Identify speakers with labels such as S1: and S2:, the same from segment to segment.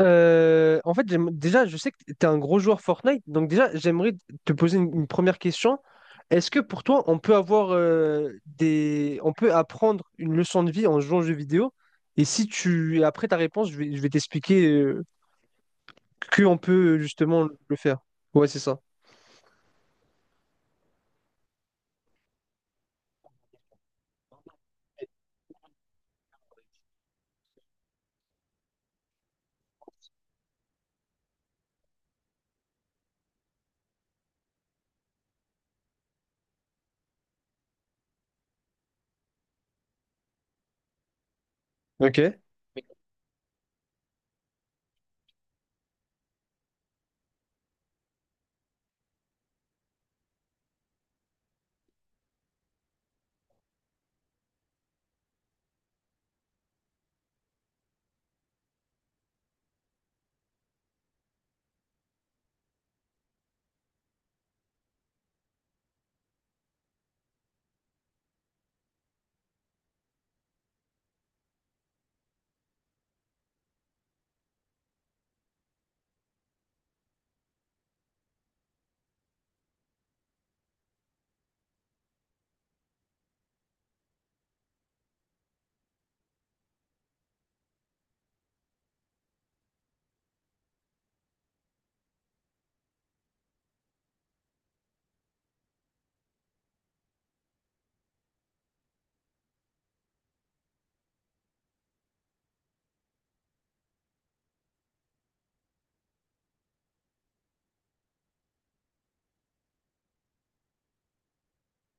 S1: En fait, déjà, je sais que tu es un gros joueur Fortnite, donc déjà, j'aimerais te poser une première question. Est-ce que pour toi, on peut apprendre une leçon de vie en jouant aux jeux vidéo? Et si tu, après ta réponse, je vais t'expliquer que on peut justement le faire. Ouais, c'est ça. Ok.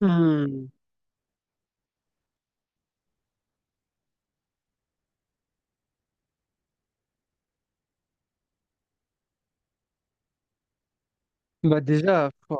S1: Hmm. Bah déjà, pff,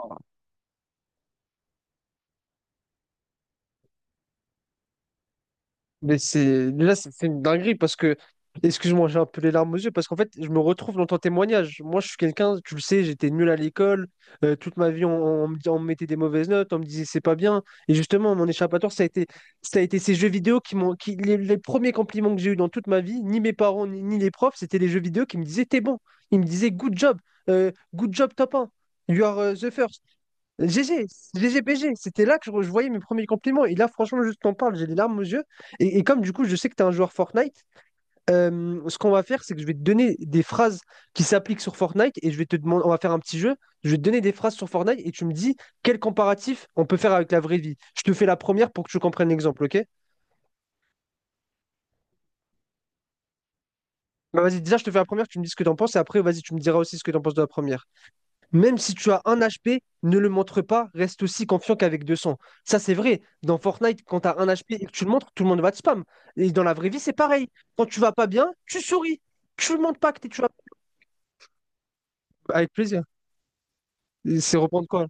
S1: Mais c'est déjà, c'est une dinguerie parce que excuse-moi, j'ai un peu les larmes aux yeux parce qu'en fait, je me retrouve dans ton témoignage. Moi, je suis quelqu'un, tu le sais, j'étais nul à l'école. Toute ma vie, on me mettait des mauvaises notes, on me disait c'est pas bien. Et justement, mon échappatoire, ça a été ces jeux vidéo qui m'ont, qui, les premiers compliments que j'ai eu dans toute ma vie, ni mes parents, ni les profs, c'était les jeux vidéo qui me disaient t'es bon. Ils me disaient good job top 1, you are the first. GG, GGPG, c'était là que je voyais mes premiers compliments. Et là, franchement, juste t'en parle, j'ai les larmes aux yeux. Et comme du coup, je sais que tu es un joueur Fortnite, ce qu'on va faire, c'est que je vais te donner des phrases qui s'appliquent sur Fortnite et je vais te demander, on va faire un petit jeu. Je vais te donner des phrases sur Fortnite et tu me dis quel comparatif on peut faire avec la vraie vie. Je te fais la première pour que tu comprennes l'exemple, ok? Bah, vas-y, déjà, je te fais la première, tu me dis ce que t'en penses et après, vas-y, tu me diras aussi ce que t'en penses de la première. Même si tu as un HP, ne le montre pas, reste aussi confiant qu'avec 200. Ça, c'est vrai. Dans Fortnite, quand tu as un HP et que tu le montres, tout le monde va te spam. Et dans la vraie vie, c'est pareil. Quand tu vas pas bien, tu souris. Tu ne montres pas que tu vas. Avec plaisir. Et c'est reprendre quoi?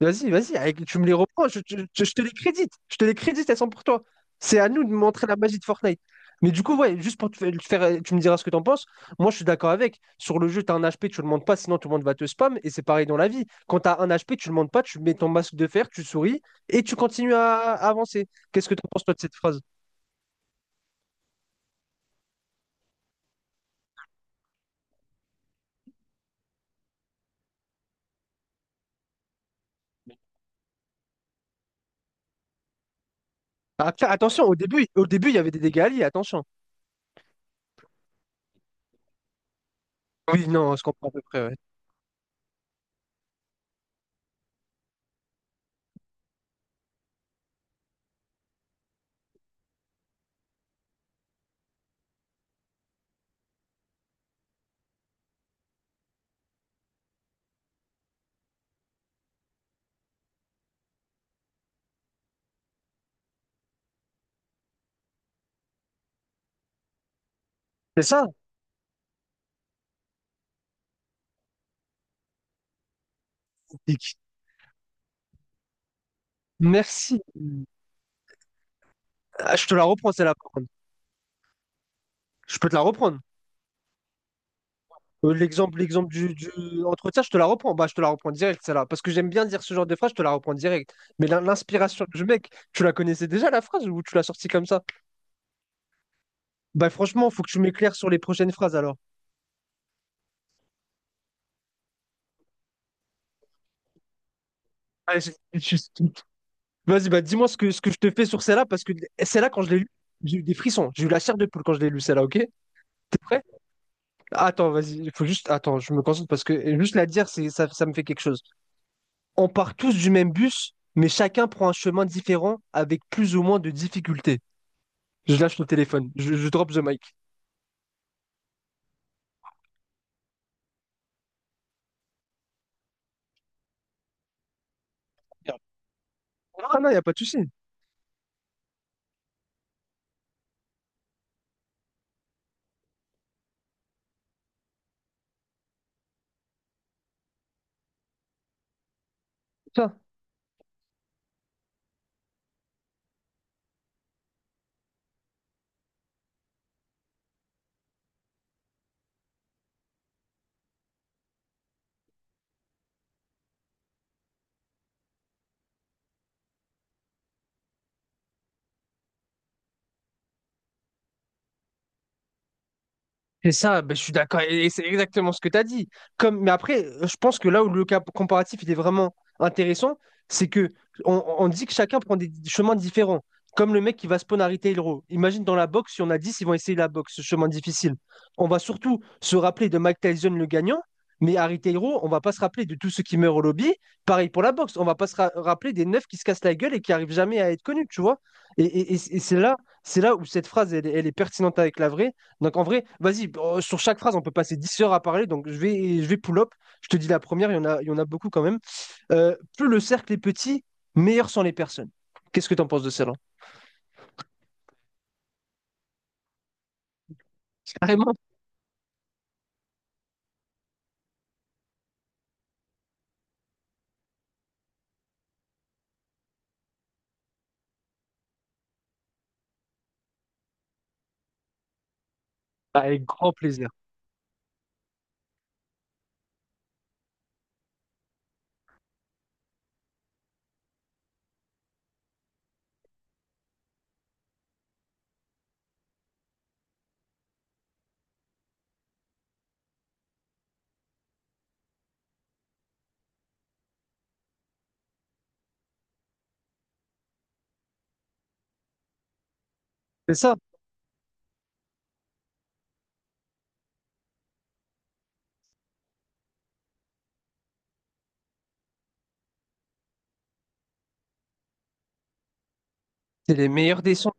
S1: Vas-y, vas-y, tu me les reprends, je te les crédite. Je te les crédite, elles sont pour toi. C'est à nous de montrer la magie de Fortnite. Mais du coup, ouais, juste pour te faire, tu me diras ce que t'en penses. Moi, je suis d'accord avec. Sur le jeu, t'as un HP, tu le montes pas, sinon tout le monde va te spam. Et c'est pareil dans la vie. Quand t'as un HP, tu le montes pas, tu mets ton masque de fer, tu souris et tu continues à avancer. Qu'est-ce que t'en penses, toi, de cette phrase? Après, attention, au début, il y avait des dégâts alliés, attention. Oui, non, on se comprend à peu près, ouais. C'est ça? Dick. Merci. Ah, je te la reprends, c'est là. Je peux te la reprendre. L'exemple du, du-. Entre ça, je te la reprends. Bah, je te la reprends direct, celle-là. Parce que j'aime bien dire ce genre de phrase, je te la reprends direct. Mais l'inspiration du mec, tu la connaissais déjà, la phrase, ou tu l'as sortie comme ça? Bah, franchement, faut que tu m'éclaires sur les prochaines phrases, alors. Allez, vas-y, bah, dis-moi ce que, je te fais sur celle-là, parce que celle-là, quand je l'ai lue, j'ai eu des frissons. J'ai eu la chair de poule quand je l'ai lue, celle-là, ok? T'es prêt? Attends, vas-y, il faut juste. Attends, je me concentre, parce que juste la dire, ça me fait quelque chose. On part tous du même bus, mais chacun prend un chemin différent, avec plus ou moins de difficultés. Je lâche le téléphone. Je drop the mic. Ah non, il n'y a pas de souci. Ça, C'est ça, ben, je suis d'accord, et c'est exactement ce que tu as dit. Mais après, je pense que là où le cas comparatif il est vraiment intéressant, c'est que on dit que chacun prend des chemins différents. Comme le mec qui va spawn à Retail Row. Imagine dans la boxe, si on a 10, ils vont essayer la boxe, ce chemin difficile. On va surtout se rappeler de Mike Tyson le gagnant, mais à Retail Row, on va pas se rappeler de tous ceux qui meurent au lobby. Pareil pour la boxe, on va pas se rappeler des neufs qui se cassent la gueule et qui arrivent jamais à être connus, tu vois. Et c'est là où cette phrase, elle est pertinente avec la vraie. Donc en vrai, vas-y, sur chaque phrase, on peut passer 10 heures à parler. Donc je vais pull-up. Je te dis la première, il y en a beaucoup quand même. Plus le cercle est petit, meilleur sont les personnes. Qu'est-ce que tu en penses de celle-là? Carrément, avec grand plaisir. C'est ça, c'est les meilleurs des sons.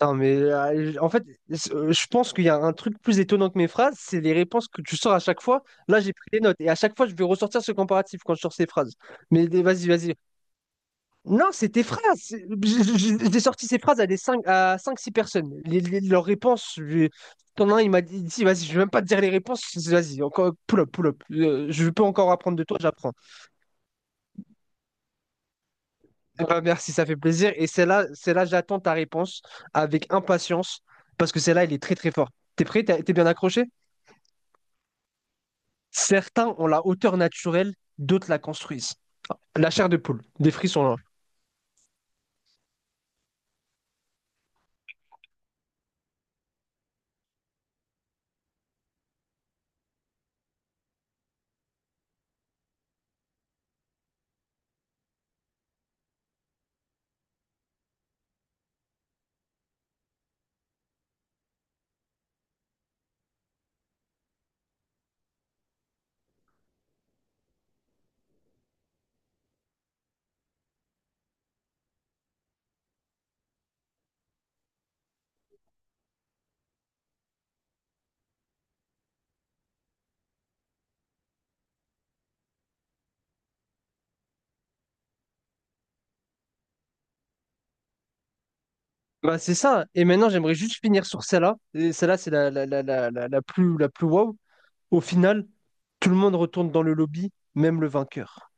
S1: Non mais en fait, je pense qu'il y a un truc plus étonnant que mes phrases, c'est les réponses que tu sors à chaque fois. Là, j'ai pris des notes et à chaque fois, je vais ressortir ce comparatif quand je sors ces phrases. Mais vas-y, vas-y. Non, c'est tes phrases. J'ai sorti ces phrases à des 5 à 5 6 personnes. Leurs réponses, t'en as un, il m'a dit, si, vas-y, je vais même pas te dire les réponses. Vas-y, encore pull up, pull up. Je peux encore apprendre de toi, j'apprends. Eh ben, merci, ça fait plaisir. Et celle-là, celle-là, j'attends ta réponse avec impatience parce que celle-là, elle est très très forte. T'es prêt? T'es bien accroché? Certains ont la hauteur naturelle, d'autres la construisent. La chair de poule, des frissons là. Bah, c'est ça. Et maintenant, j'aimerais juste finir sur celle-là. Et celle-là, c'est la plus wow. Au final, tout le monde retourne dans le lobby, même le vainqueur.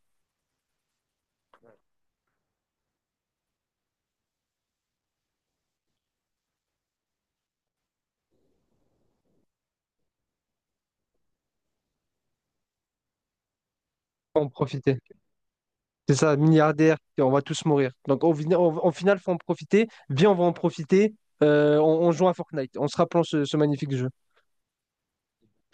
S1: Faut en profiter. C'est ça, milliardaire, et on va tous mourir. Donc au final, en final, faut en profiter. Viens, on va en profiter. On joue à Fortnite. On se rappelle ce magnifique jeu.